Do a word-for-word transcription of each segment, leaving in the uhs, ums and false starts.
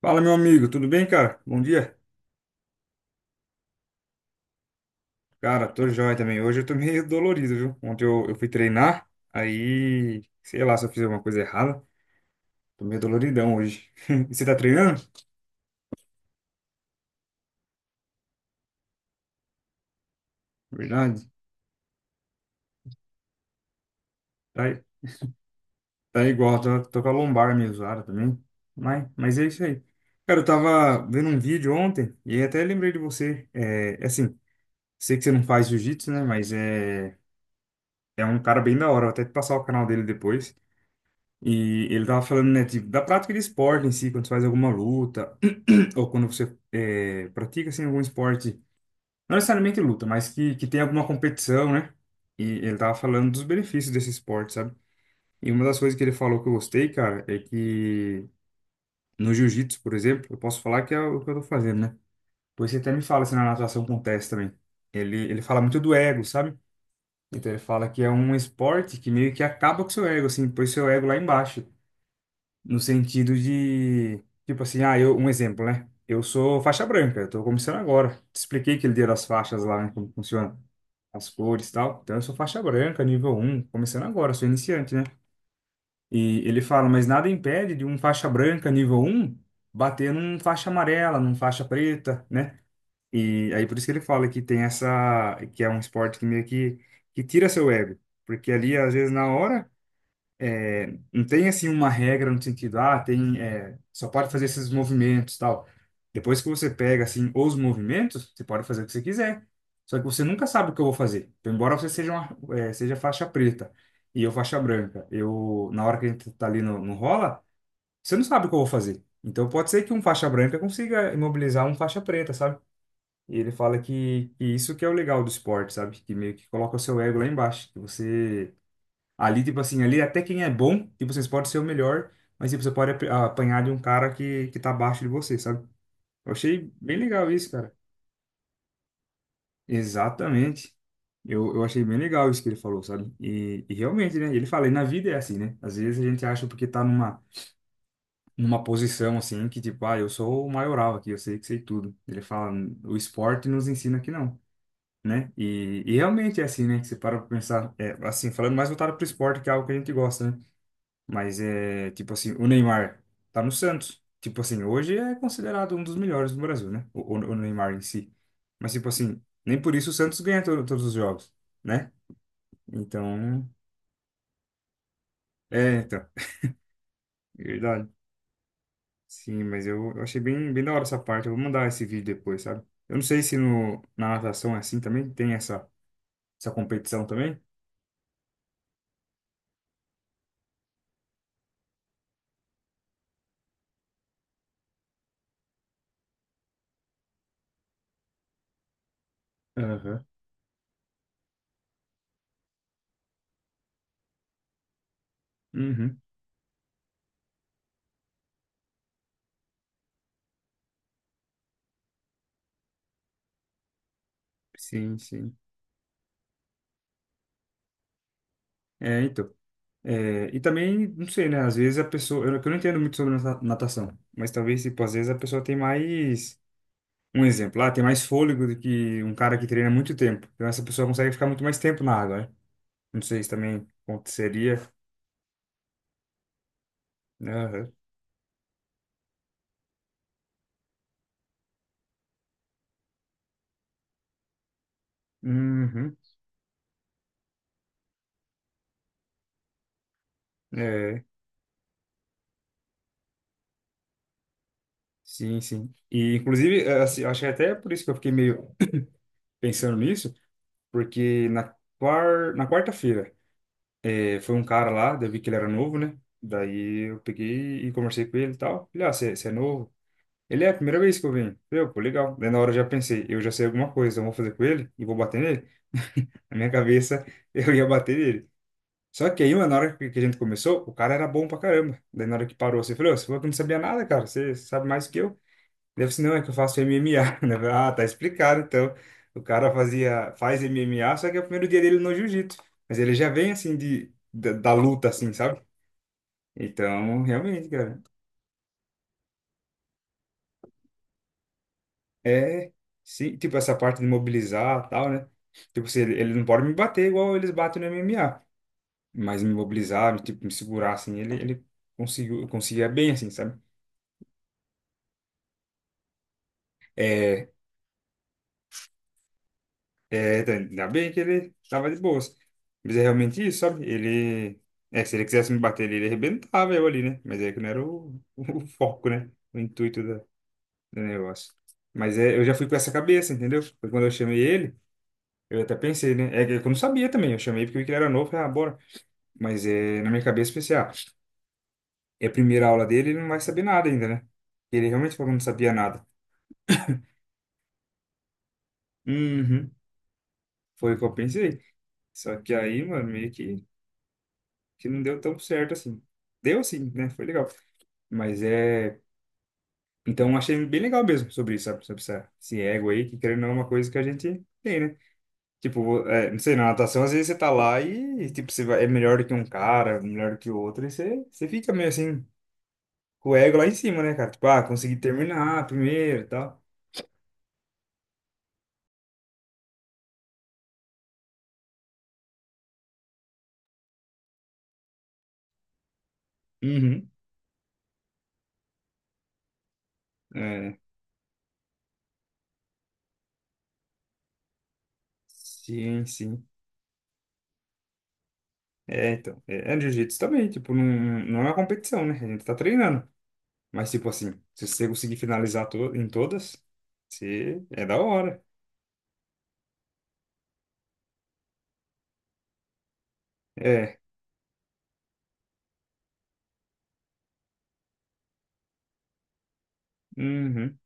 Fala, meu amigo, tudo bem, cara? Bom dia. Cara, tô jóia também. Hoje eu tô meio dolorido, viu? Ontem eu, eu fui treinar, aí, sei lá se eu fiz alguma coisa errada. Tô meio doloridão hoje. E Você tá treinando? Verdade. Tá, tá igual, tô, tô com a lombar meio zoada também. Mas, mas é isso aí. Cara, eu tava vendo um vídeo ontem e até lembrei de você. É, é assim, sei que você não faz jiu-jitsu, né? Mas é, é um cara bem da hora. Vou até te passar o canal dele depois. E ele tava falando, né, tipo, da prática de esporte em si, quando você faz alguma luta, ou quando você é, pratica, assim, algum esporte, não necessariamente luta, mas que, que tem alguma competição, né? E ele tava falando dos benefícios desse esporte, sabe? E uma das coisas que ele falou que eu gostei, cara, é que no jiu-jitsu, por exemplo, eu posso falar que é o que eu tô fazendo, né? Pois você até me fala se na natação acontece também. Ele, ele fala muito do ego, sabe? Então ele fala que é um esporte que meio que acaba com o seu ego, assim, põe seu ego lá embaixo. No sentido de, tipo assim, ah, eu, um exemplo, né? Eu sou faixa branca, eu tô começando agora. Te expliquei aquele dia das faixas lá, né? Como funciona, as cores e tal. Então eu sou faixa branca, nível um começando agora, sou iniciante, né? E ele fala, mas nada impede de um faixa branca, nível um bater num faixa amarela, num faixa preta, né? E aí por isso que ele fala que tem essa, que é um esporte que meio que, que tira seu ego. Porque ali, às vezes, na hora não tem assim uma regra no sentido, ah, tem, é, só pode fazer esses movimentos, e tal. Depois que você pega assim os movimentos, você pode fazer o que você quiser. Só que você nunca sabe o que eu vou fazer. Então, embora você seja uma, é, seja faixa preta e eu faixa branca, eu na hora que a gente tá ali no, no rola, você não sabe o que eu vou fazer. Então pode ser que um faixa branca consiga imobilizar um faixa preta, sabe? E ele fala que, que isso que é o legal do esporte, sabe? Que meio que coloca o seu ego lá embaixo, que você ali, tipo assim, ali até quem é bom, tipo, vocês podem ser o melhor, mas tipo, você pode ap- apanhar de um cara que, que tá abaixo de você, sabe? Eu achei bem legal isso, cara. Exatamente. Eu, eu achei bem legal isso que ele falou, sabe? E, e realmente, né? Ele fala, e na vida é assim, né? Às vezes a gente acha porque tá numa, numa posição assim, que tipo, ah, eu sou o maioral aqui, eu sei que sei tudo. Ele fala, o esporte nos ensina que não, né? E, e realmente é assim, né? Que você para pra pensar, é, assim, falando mais voltado pro esporte, que é algo que a gente gosta, né? Mas é tipo assim, o Neymar tá no Santos. Tipo assim, hoje é considerado um dos melhores do Brasil, né? O, o- o Neymar em si. Mas tipo assim, nem por isso o Santos ganha todo- todos os jogos, né? Então, é, então, é verdade. Sim, mas eu, eu achei bem, bem da hora essa parte. Eu vou mandar esse vídeo depois, sabe? Eu não sei se no, na natação é assim também, tem essa, essa competição também. Aham. Uhum. Sim, sim. É, então. É, e também, não sei, né? Às vezes a pessoa. Eu, que eu não entendo muito sobre nata- natação, mas talvez, tipo, às vezes a pessoa tem mais. Um exemplo, lá tem mais fôlego do que um cara que treina muito tempo. Então essa pessoa consegue ficar muito mais tempo na água, né? Não sei se também aconteceria. Né, aham. Uhum. É, sim, sim. E, inclusive, é, assim, eu acho que é até por isso que eu fiquei meio pensando nisso, porque na, quar... na quarta-feira é, foi um cara lá, daí eu vi que ele era novo, né? Daí eu peguei e conversei com ele e tal. Falei, ah, você é novo? Ele é a primeira vez que eu venho. Eu, pô, legal. Daí na hora eu já pensei, eu já sei alguma coisa, eu vou fazer com ele e vou bater nele. Na minha cabeça, eu ia bater nele. Só que aí, mano, na hora que que a gente começou, o cara era bom pra caramba. Daí na hora que parou, você falou, "Ô, você falou que não sabia nada, cara, você sabe mais que eu. Deve ser, não, é que eu faço M M A. Daí eu falei, ah, tá explicado, então. O cara fazia, faz M M A, só que é o primeiro dia dele no jiu-jitsu. Mas ele já vem, assim, de, da, da luta, assim, sabe? Então, realmente, cara. É, sim, tipo, essa parte de mobilizar e tal, né? Tipo, se ele, ele não pode me bater igual eles batem no M M A, mas me mobilizar, me, tipo, me segurar, assim, ele, ele conseguiu, conseguia bem, assim, sabe? É, é, tá, ainda bem que ele tava de boas. Mas é realmente isso, sabe? Ele, é, se ele quisesse me bater, ele, ele arrebentava eu ali, né? Mas é que não era o, o foco, né? O intuito da, do negócio. Mas é, eu já fui com essa cabeça, entendeu? Foi quando eu chamei ele, eu até pensei, né? É que eu não sabia também, eu chamei porque eu vi que ele era novo, falei, ah, bora. Mas é, na minha cabeça eu pensei, ah, é a primeira aula dele, ele não vai saber nada ainda, né? Ele realmente falou que não sabia nada. Uhum, foi o que eu pensei. Só que aí, mano, meio que, que não deu tão certo assim. Deu sim, né? Foi legal. Mas é. Então achei bem legal mesmo sobre isso, sabe? Sobre essa, esse ego aí, que querendo ou não é uma coisa que a gente tem, né? Tipo, é, não sei, na natação às vezes você tá lá e, tipo, você vai- é melhor do que um cara, melhor do que o outro, e você, você fica meio assim, com o ego lá em cima, né, cara? Tipo, ah, consegui terminar primeiro e tal. Uhum. É, sim, sim. É, então, é, é jiu-jitsu também, tipo, não, não é uma competição, né? A gente tá treinando. Mas, tipo assim, se você conseguir finalizar to em todas, você, é da hora. É, uhum,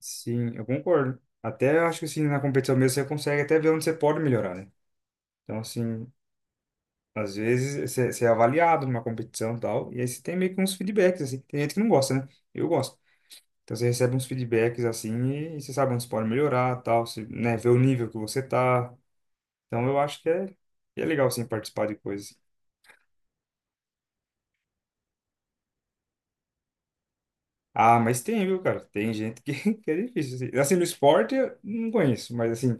sim, eu concordo. Até eu acho que, assim, na competição mesmo você consegue até ver onde você pode melhorar, né? Então, assim, às vezes você, você é avaliado numa competição e tal, e aí você tem meio que uns feedbacks, assim. Tem gente que não gosta, né? Eu gosto. Então você recebe uns feedbacks assim e, e você sabe onde você pode melhorar, tal, você, né, vê o nível que você tá. Então eu acho que é, que é legal sim participar de coisas. Ah, mas tem, viu, cara? Tem gente que, que é difícil. Assim, assim, no esporte eu não conheço, mas assim,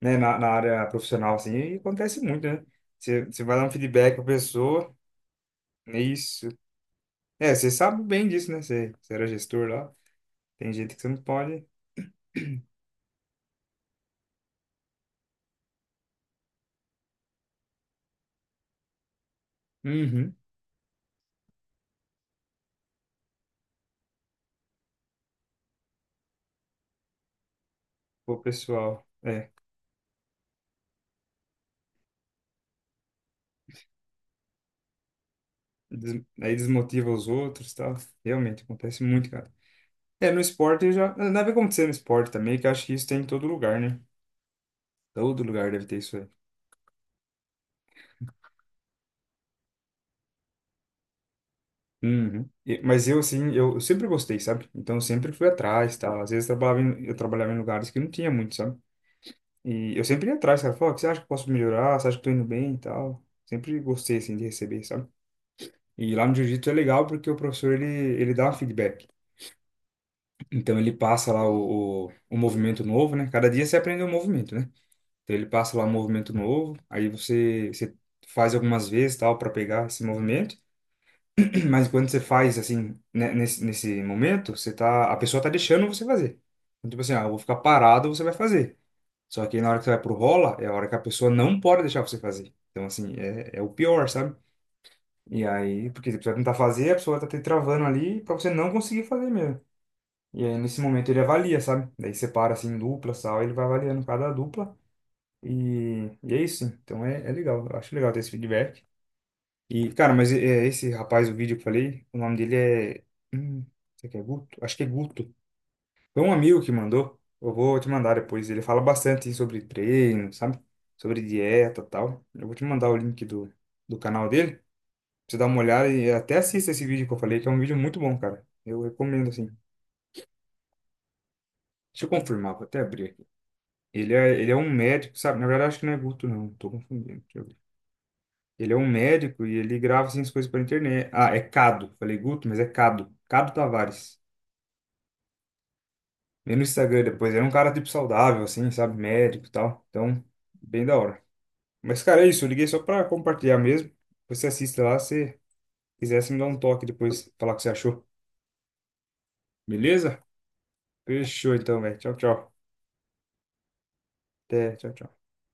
né, na, na área profissional assim, acontece muito, né? Você, você vai dar um feedback pra pessoa, é isso. É, você sabe bem disso, né? Você, você era gestor lá. Tem gente que você não pode. Uhum. Pô, pessoal. É. Des- aí desmotiva os outros, e tal. Realmente acontece muito, cara. É, no esporte eu já. Deve acontecer no esporte também, que eu acho que isso tem em todo lugar, né? Todo lugar deve ter isso aí. Uhum. E- mas eu, assim, eu, eu sempre gostei, sabe? Então eu sempre fui atrás, tal. Às vezes eu trabalhava em, eu trabalhava em lugares que não tinha muito, sabe? E eu sempre ia atrás, cara. Falava, "Ó, o que você acha que eu posso melhorar? Você acha que eu tô indo bem e tal? Sempre gostei, assim, de receber, sabe? E lá no jiu-jitsu é legal porque o professor, ele, ele dá um feedback. Então ele passa lá o, o, o movimento novo, né? Cada dia você aprende um movimento, né? Então ele passa lá um movimento novo, aí você, você faz algumas vezes tal para pegar esse movimento, mas quando você faz assim, né, nesse, nesse momento, você tá, a pessoa tá deixando você fazer. Então, tipo assim, ah, eu vou ficar parado, você vai fazer. Só que na hora que você vai pro rola, é a hora que a pessoa não pode deixar você fazer. Então, assim, é, é o pior, sabe? E aí, porque você vai tentar fazer, a pessoa tá te travando ali pra você não conseguir fazer mesmo. E aí, nesse momento, ele avalia, sabe? Daí separa, assim, duplas e tal, ele vai avaliando cada dupla. E, e é isso. Então é, é legal. Eu acho legal ter esse feedback. E, cara, mas é, é esse rapaz, o vídeo que eu falei, o nome dele é. Hum, será que é Guto? Acho que é Guto. Foi um amigo que mandou. Eu vou te mandar depois. Ele fala bastante sobre treino, sabe? Sobre dieta e tal. Eu vou te mandar o link do, do canal dele. Pra você dar uma olhada e até assista esse vídeo que eu falei, que é um vídeo muito bom, cara. Eu recomendo, assim. Deixa eu confirmar, vou até abrir aqui. Ele é, ele é um médico, sabe? Na verdade, acho que não é Guto, não. Tô confundindo. Deixa eu ver. Ele é um médico e ele grava assim, as coisas pra internet. Ah, é Cado. Falei Guto, mas é Cado. Cado Tavares. Vê no Instagram depois. Ele é um cara tipo saudável, assim, sabe? Médico e tal. Então, bem da hora. Mas, cara, é isso. Eu liguei só pra compartilhar mesmo. Depois você assiste lá, se quiser, você me dá um toque depois, falar o que você achou. Beleza? Fechou então, velho. Tchau, tchau. Até, tchau, tchau.